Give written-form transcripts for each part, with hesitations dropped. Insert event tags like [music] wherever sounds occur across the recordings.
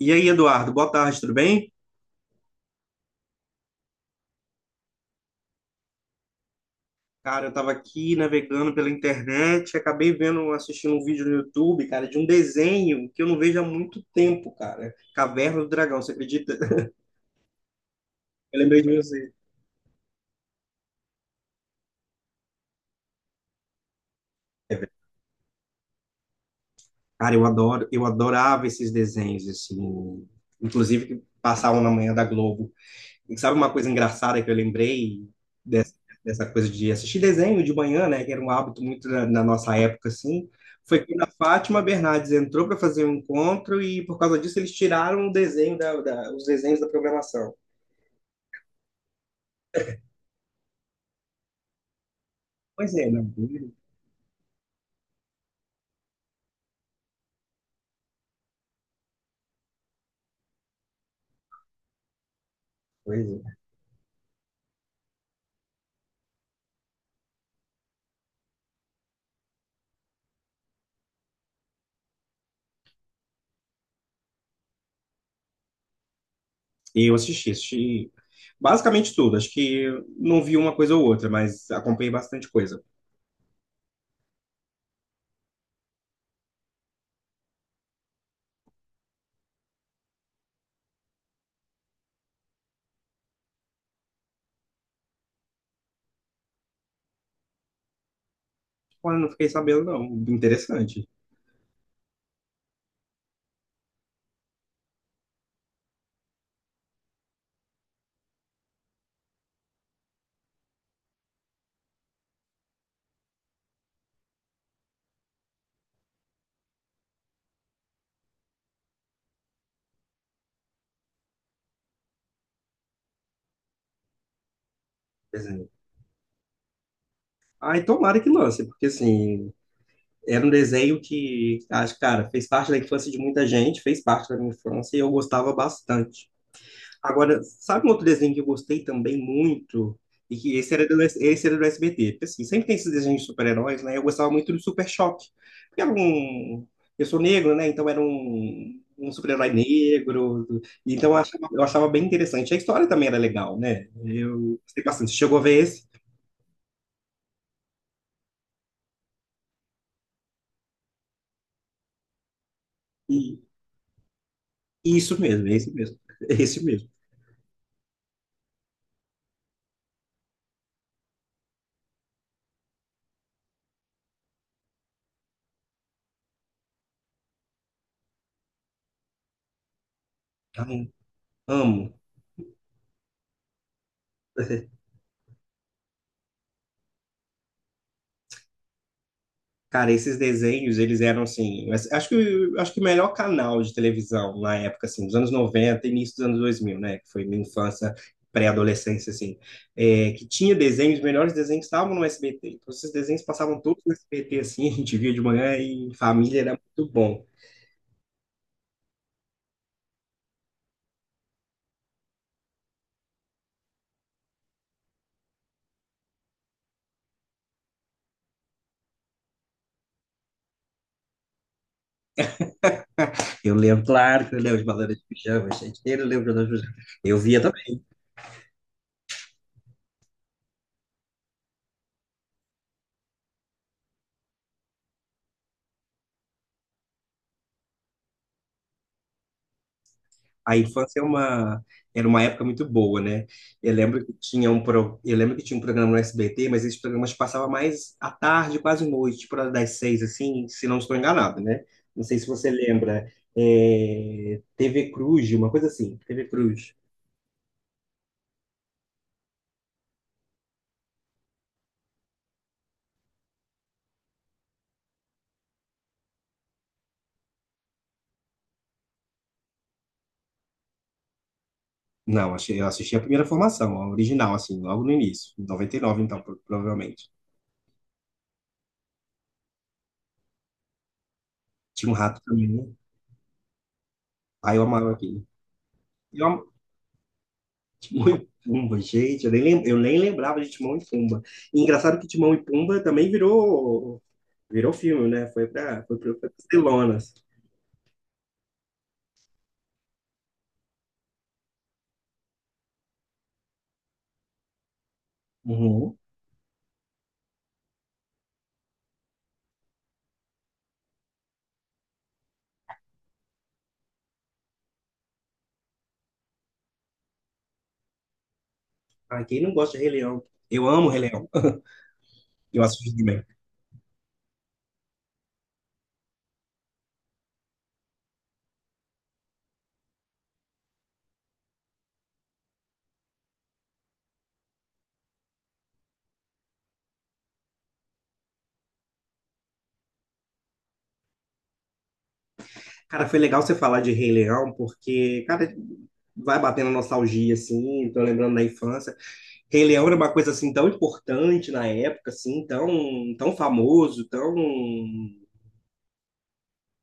E aí, Eduardo, boa tarde, tudo bem? Cara, eu tava aqui navegando pela internet, acabei vendo, assistindo um vídeo no YouTube, cara, de um desenho que eu não vejo há muito tempo, cara. Caverna do Dragão, você acredita? [laughs] Eu lembrei de você. É verdade. Cara, eu adorava esses desenhos, assim, inclusive que passavam na manhã da Globo. E sabe uma coisa engraçada que eu lembrei dessa, dessa coisa de assistir desenho de manhã, né? Que era um hábito muito na nossa época, assim. Foi quando a Fátima Bernardes entrou para fazer um encontro e, por causa disso, eles tiraram o desenho da, da- os desenhos da programação. Pois é, não. Pois é. E eu assisti basicamente tudo. Acho que não vi uma coisa ou outra, mas acompanhei bastante coisa. Olha, não fiquei sabendo, não. Interessante. Desenho. Ai, tomara que lance, porque assim, era um desenho que, acho, cara, fez parte da infância de muita gente, fez parte da minha infância e eu gostava bastante. Agora, sabe um outro desenho que eu gostei também muito? E que esse era do SBT. Porque, assim, sempre tem esses desenhos de super-heróis, né? Eu gostava muito do Super Choque. Porque era um. Eu sou negro, né? Então era um super-herói negro. Então eu achava bem interessante. A história também era legal, né? Eu gostei bastante. Você chegou a ver esse? E, isso mesmo, é esse mesmo. [laughs] É esse mesmo. Ai, amo. Cara, esses desenhos, eles eram assim, mas acho que o melhor canal de televisão na época, assim, dos anos 90, início dos anos 2000, né, que foi minha infância, pré-adolescência, assim, que tinha desenhos, os melhores desenhos estavam no SBT. Então, esses desenhos passavam todos no SBT, assim, [laughs] a gente via de manhã e em família era muito bom. Eu lembro, claro que eu lembro de Banana de Pijama, gente, eu lembro de Banana de Pijama. Eu via também. A infância era uma época muito boa, né? Eu lembro que tinha um programa no SBT, mas esses programas passavam mais à tarde, quase noite, por hora das 6, assim, se não estou enganado, né? Não sei se você lembra. É, TV Cruz, uma coisa assim, TV Cruz. Não, eu assisti a primeira formação, a original, assim, logo no início, em 99, então, provavelmente. Tinha um rato também, né? Aí eu amava aquilo. Timão e Pumba, gente, eu nem lembrava de Timão e Pumba. E engraçado que Timão e Pumba também virou filme, né? Foi para as telonas. Uhum. Ah, quem não gosta de Rei Leão? Eu amo Rei Leão. Eu assisti também. Cara, foi legal você falar de Rei Leão, porque, cara, vai batendo nostalgia, assim, tô lembrando da infância. Rei Leão era uma coisa, assim, tão importante na época, assim, tão, tão famoso, tão,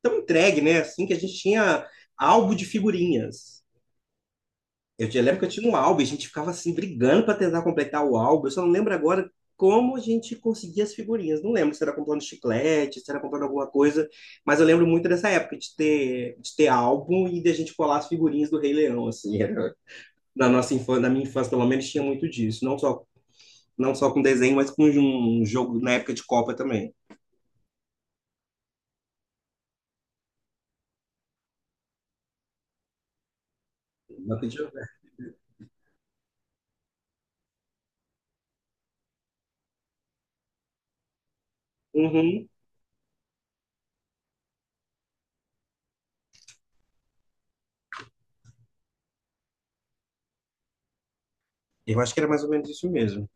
tão entregue, né? Assim, que a gente tinha álbum de figurinhas. Eu lembro que eu tinha um álbum, e a gente ficava assim brigando para tentar completar o álbum. Eu só não lembro agora como a gente conseguia as figurinhas. Não lembro se era comprando chiclete, se era comprando alguma coisa, mas eu lembro muito dessa época de ter, álbum e de a gente colar as figurinhas do Rei Leão, assim. [laughs] Na nossa infância, na minha infância, pelo menos, tinha muito disso. Não só com desenho, mas com um jogo na época de Copa também. Na época de- Uhum. Eu acho que era mais ou menos isso mesmo.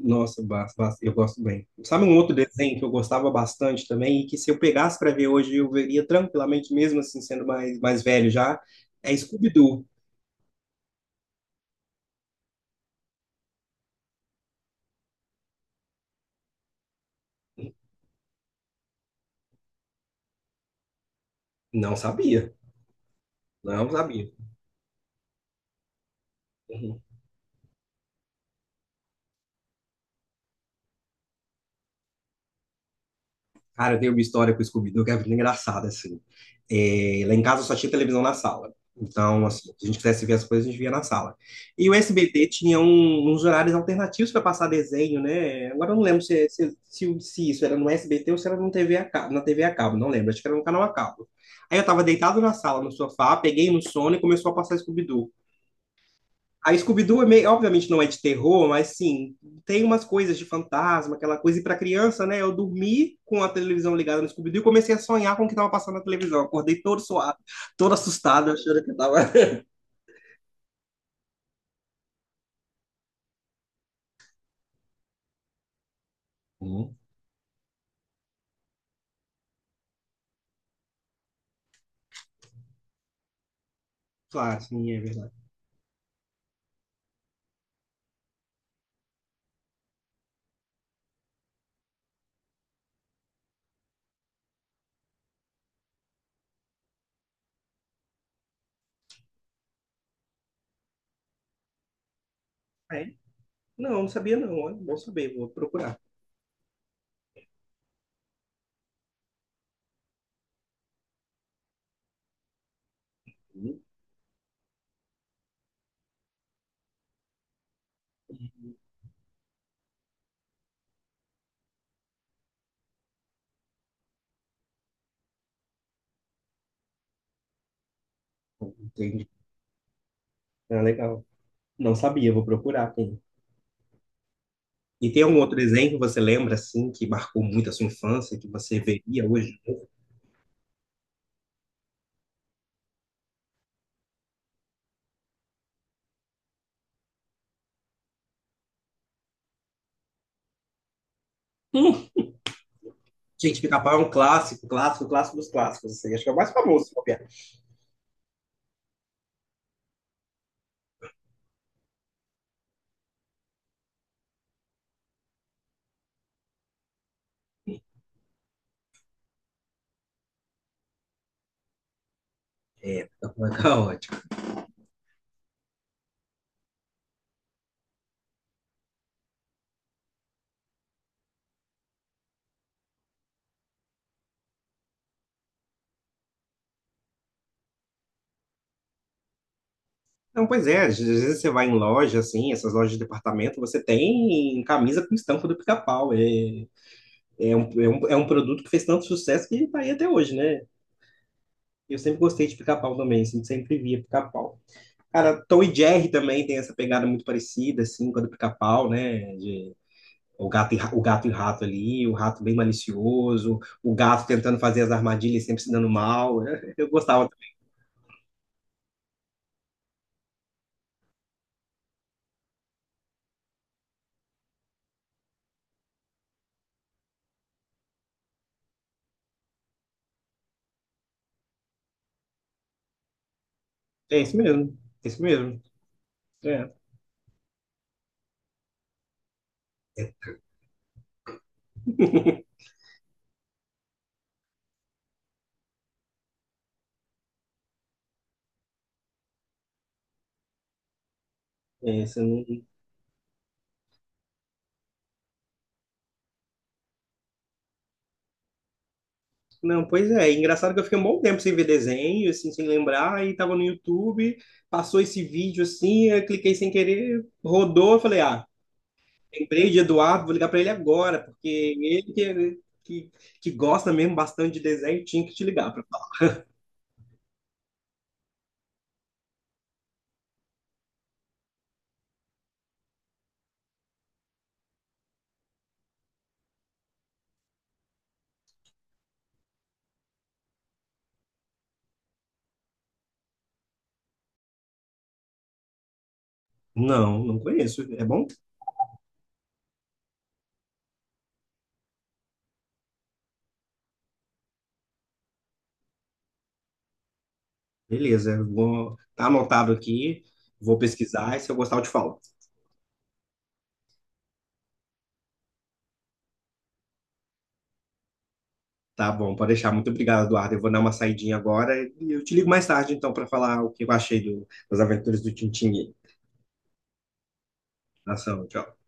Nossa, eu gosto bem. Sabe um outro desenho que eu gostava bastante também e que se eu pegasse para ver hoje eu veria tranquilamente, mesmo assim sendo mais, mais velho já? É Scooby-Doo. Não sabia, não sabia. Cara, eu tenho uma história com o Scooby-Doo que é muito engraçada, assim. É, lá em casa só tinha televisão na sala. Então, assim, se a gente quisesse ver as coisas, a gente via na sala. E o SBT tinha uns horários alternativos para passar desenho, né? Agora eu não lembro se isso era no SBT ou se era no TV a cabo, na TV a cabo, não lembro. Acho que era no canal a cabo. Aí eu tava deitado na sala, no sofá, peguei no sono e começou a passar Scooby-Doo. A Scooby-Doo, obviamente, não é de terror, mas sim, tem umas coisas de fantasma, aquela coisa. E para criança, né? Eu dormi com a televisão ligada no Scooby-Doo e comecei a sonhar com o que estava passando na televisão. Acordei todo suado, todo assustado, achando que estava. Hum. Claro, sim, é verdade. É? Não, não sabia, não. Olha, bom saber, vou procurar. Hum. Entendi. Ah, legal. Não sabia, vou procurar. Tem. E tem algum outro desenho que você lembra, assim, que marcou muito a sua infância, que você veria hoje? [laughs] Gente, Pica-Pau é um clássico, clássico, clássico dos clássicos, assim. Acho que é o mais famoso, se bobear. É, Pica-Pau é caótico. Não, pois é, às vezes você vai em loja, assim, essas lojas de departamento, você tem camisa com estampa do Pica-Pau. É um produto que fez tanto sucesso que tá aí até hoje, né? Eu sempre gostei de Pica-Pau também, assim, sempre via Pica-Pau. Cara, Tom e Jerry também tem essa pegada muito parecida, assim, com a do Pica-Pau, né? De O gato e, ra- o gato e o rato ali, o rato bem malicioso, o gato tentando fazer as armadilhas e sempre se dando mal. [laughs] Eu gostava. É isso mesmo, é isso mesmo. É, é, é, isso não, não, pois é. Engraçado que eu fiquei um bom tempo sem ver desenho, assim, sem lembrar, e tava no YouTube, passou esse vídeo assim, eu cliquei sem querer, rodou, eu falei, ah, lembrei de Eduardo, vou ligar pra ele agora, porque ele que, gosta mesmo bastante de desenho, tinha que te ligar pra falar. Não, não conheço. É bom? Beleza, vou, tá anotado aqui, vou pesquisar e se eu gostar eu te falo. Tá bom, pode deixar. Muito obrigado, Eduardo. Eu vou dar uma saidinha agora e eu te ligo mais tarde então para falar o que eu achei das aventuras do Tintin. Ação, tchau.